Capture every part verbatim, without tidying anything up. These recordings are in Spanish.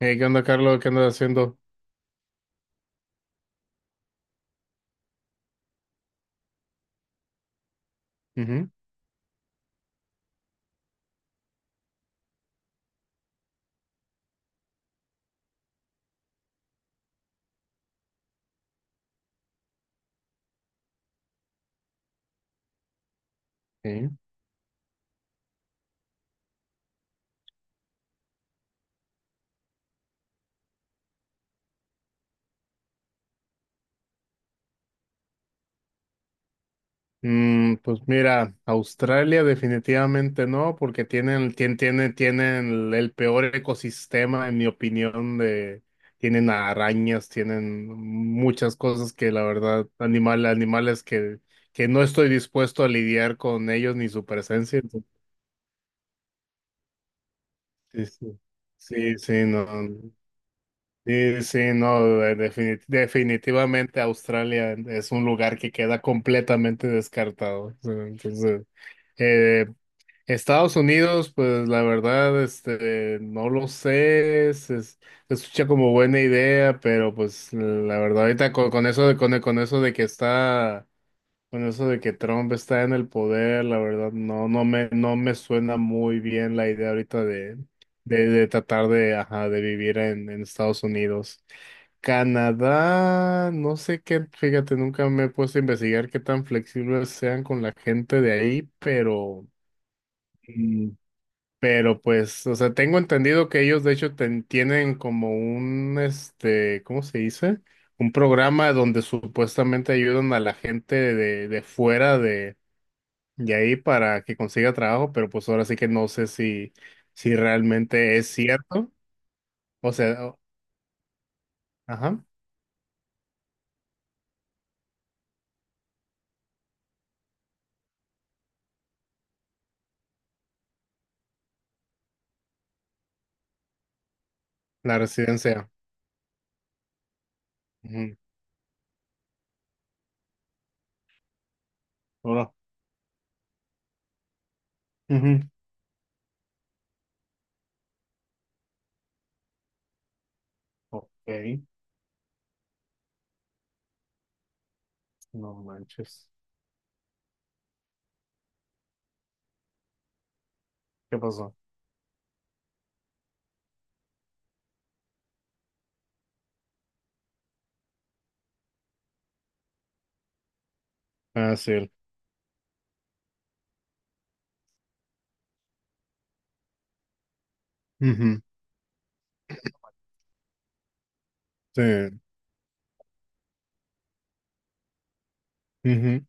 Eh, ¿qué onda, Carlos? ¿Qué andas haciendo? Ujú, sí. Mm, pues mira, Australia definitivamente no, porque tienen, tien- tienen, tienen el, peor ecosistema, en mi opinión, de, tienen arañas, tienen muchas cosas que la verdad, animal, animales que, que no estoy dispuesto a lidiar con ellos ni su presencia. Entonces, sí, sí. Sí, sí, no. Sí, sí, no, de- defini- definitivamente Australia es un lugar que queda completamente descartado. O sea, entonces, eh, Estados Unidos, pues la verdad, este, no lo sé, se, es- se escucha como buena idea, pero pues la verdad, ahorita con, con eso de, con, con eso de que está con eso de que Trump está en el poder, la verdad, no, no me, no me suena muy bien la idea ahorita de, de, de tratar de, ajá, de vivir en, en Estados Unidos. Canadá, no sé qué, fíjate, nunca me he puesto a investigar qué tan flexibles sean con la gente de ahí, pero, mm, pero pues, o sea, tengo entendido que ellos de hecho ten- tienen como un, este, ¿cómo se dice? Un programa donde supuestamente ayudan a la gente de, de fuera y ahí para que consiga trabajo, pero pues ahora sí que no sé si, si realmente es cierto. O sea, o- ajá, la residencia. Ujú. Hola. Ujú. Ok, no manches. ¿Qué pasó? Ah, sí. Ujú. Sí. Ujú.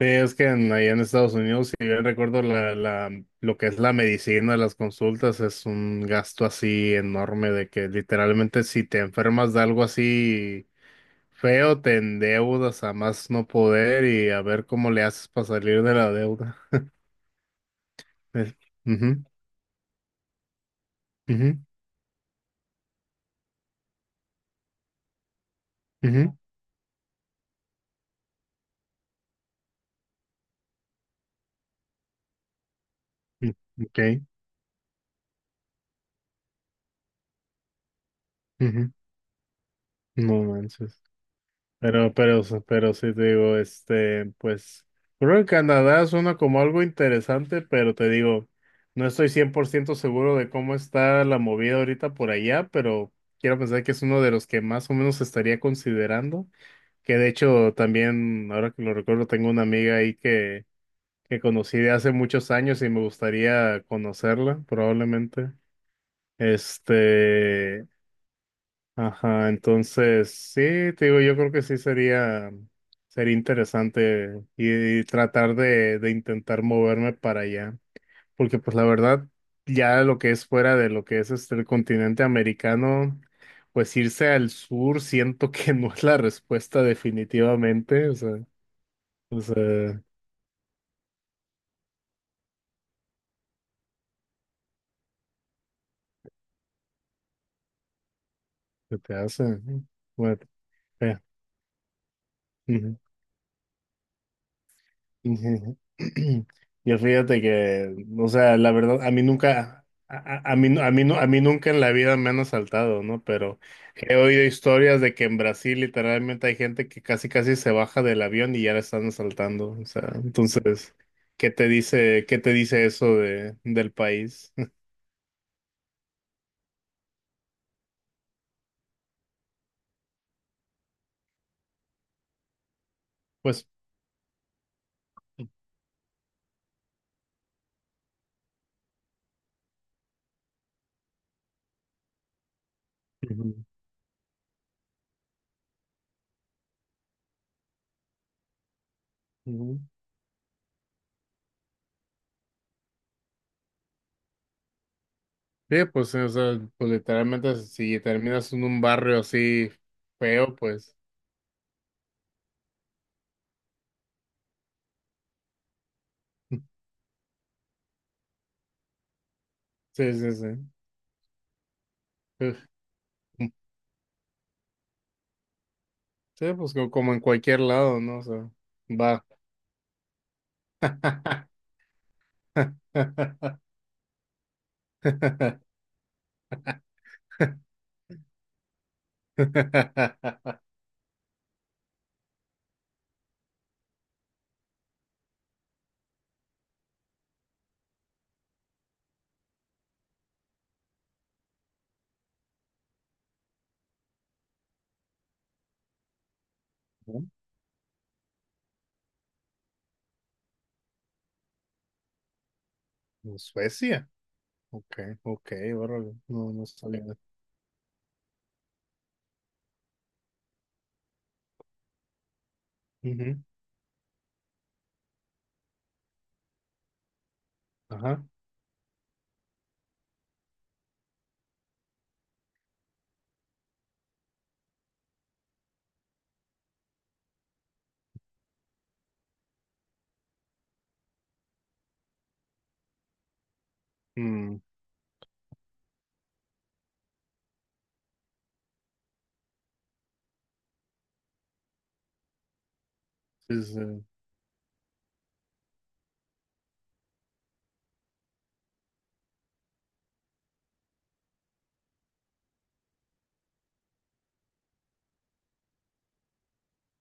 Sí, es que en- allá en Estados Unidos, si bien recuerdo, la, la, lo que es la medicina, las consultas, es un gasto así enorme de que literalmente si te enfermas de algo así feo, te endeudas a más no poder y a ver cómo le haces para salir de la deuda. Es- ujú, ujú, ujú, mm, ok, ujú, no manches. Pero, pero, pero sí te digo, este, pues, creo que Canadá suena como algo interesante, pero te digo, no estoy cien por ciento seguro de cómo está la movida ahorita por allá, pero quiero pensar que es uno de los que más o menos estaría considerando, que de hecho también, ahora que lo recuerdo, tengo una amiga ahí que que conocí de hace muchos años y me gustaría conocerla, probablemente. Este, ajá, entonces sí, te digo, yo creo que sí sería, sería interesante y, y tratar de, de intentar moverme para allá, porque pues la verdad, ya lo que es fuera de lo que es este, el continente americano, pues irse al sur siento que no es la respuesta definitivamente, o sea, o sea, ¿qué te hace? Bueno, eh, ujú. Yo fíjate que, o sea, la verdad, a mí nunca, a, a- a mí, no- a mí, nu- a mí nunca en la vida me han asaltado, ¿no? Pero he oído historias de que en Brasil literalmente hay gente que casi casi se baja del avión y ya la están asaltando. O sea, entonces, ¿qué te dice, ¿qué te dice eso de, del país? Pues, ujú, ujú. Sí, pues, o sea, pues literalmente si terminas en un barrio así feo, pues, sí, sí, sí. Uf. Sí, pues co- como en cualquier lado, ¿no? O sea, va. Ujú. En Suecia. Ok, ok, órale. No, no sabía. Ujú, ajá. Mm, pues, eh,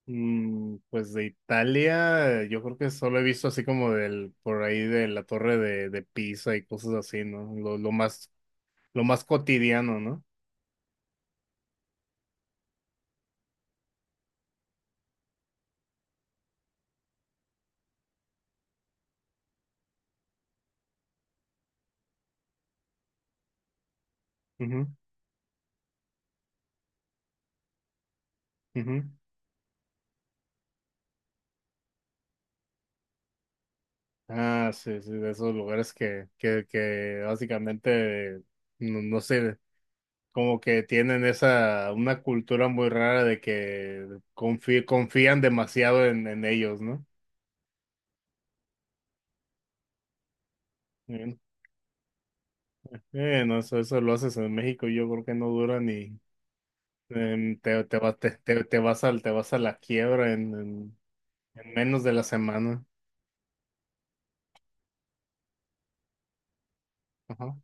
mm, pues de Italia, yo creo que solo he visto así como del, por ahí de la torre de, de Pisa y cosas así, ¿no? Lo, lo más, lo más cotidiano, no ujú, ujú. Ah, sí, sí, de esos lugares que, que, que básicamente, no, no sé, como que tienen esa, una cultura muy rara de que confi- confían demasiado en, en ellos, ¿no? Bien. Eh, no, eso, eso lo haces en México, yo creo que no dura ni, em, te, te, va- te, te, te vas al, te vas a la quiebra en, en, en menos de la semana. Ajá.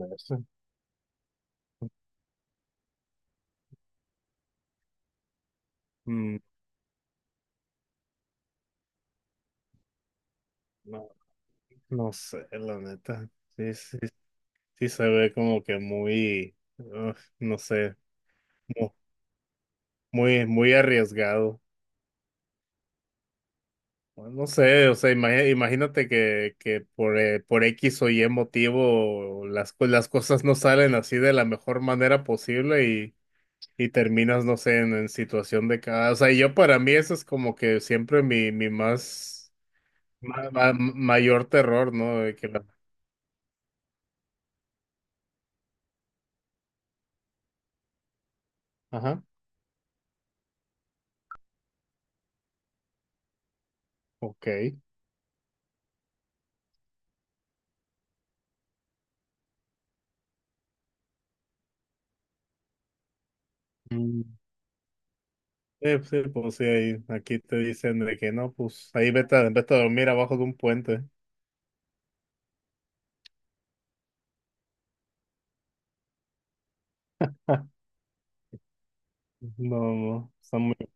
No sé. Mm, no, no sé, la neta. Sí, sí, sí se ve como que muy, ugh, no sé, mu- muy, muy arriesgado. Bueno, no sé, o sea, imagi- imagínate que, que por, eh, por X o Y motivo las, co- las cosas no salen así de la mejor manera posible y, y terminas, no sé, en, en situación de cada... O sea, yo para mí eso es como que siempre mi, mi más, ma- ma- mayor terror, ¿no? De que la- ajá, ok. Sí, pues sí, pues sí, ahí, aquí te dicen de que no, pues ahí vete, a- vete a dormir abajo de un puente. No, no, son muy-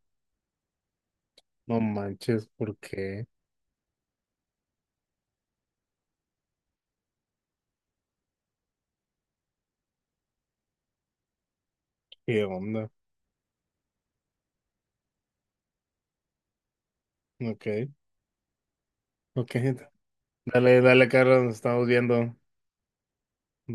no manches, ¿por qué? ¿Qué onda? Ok, ok, dale, dale, Carlos, nos estamos viendo. Bye.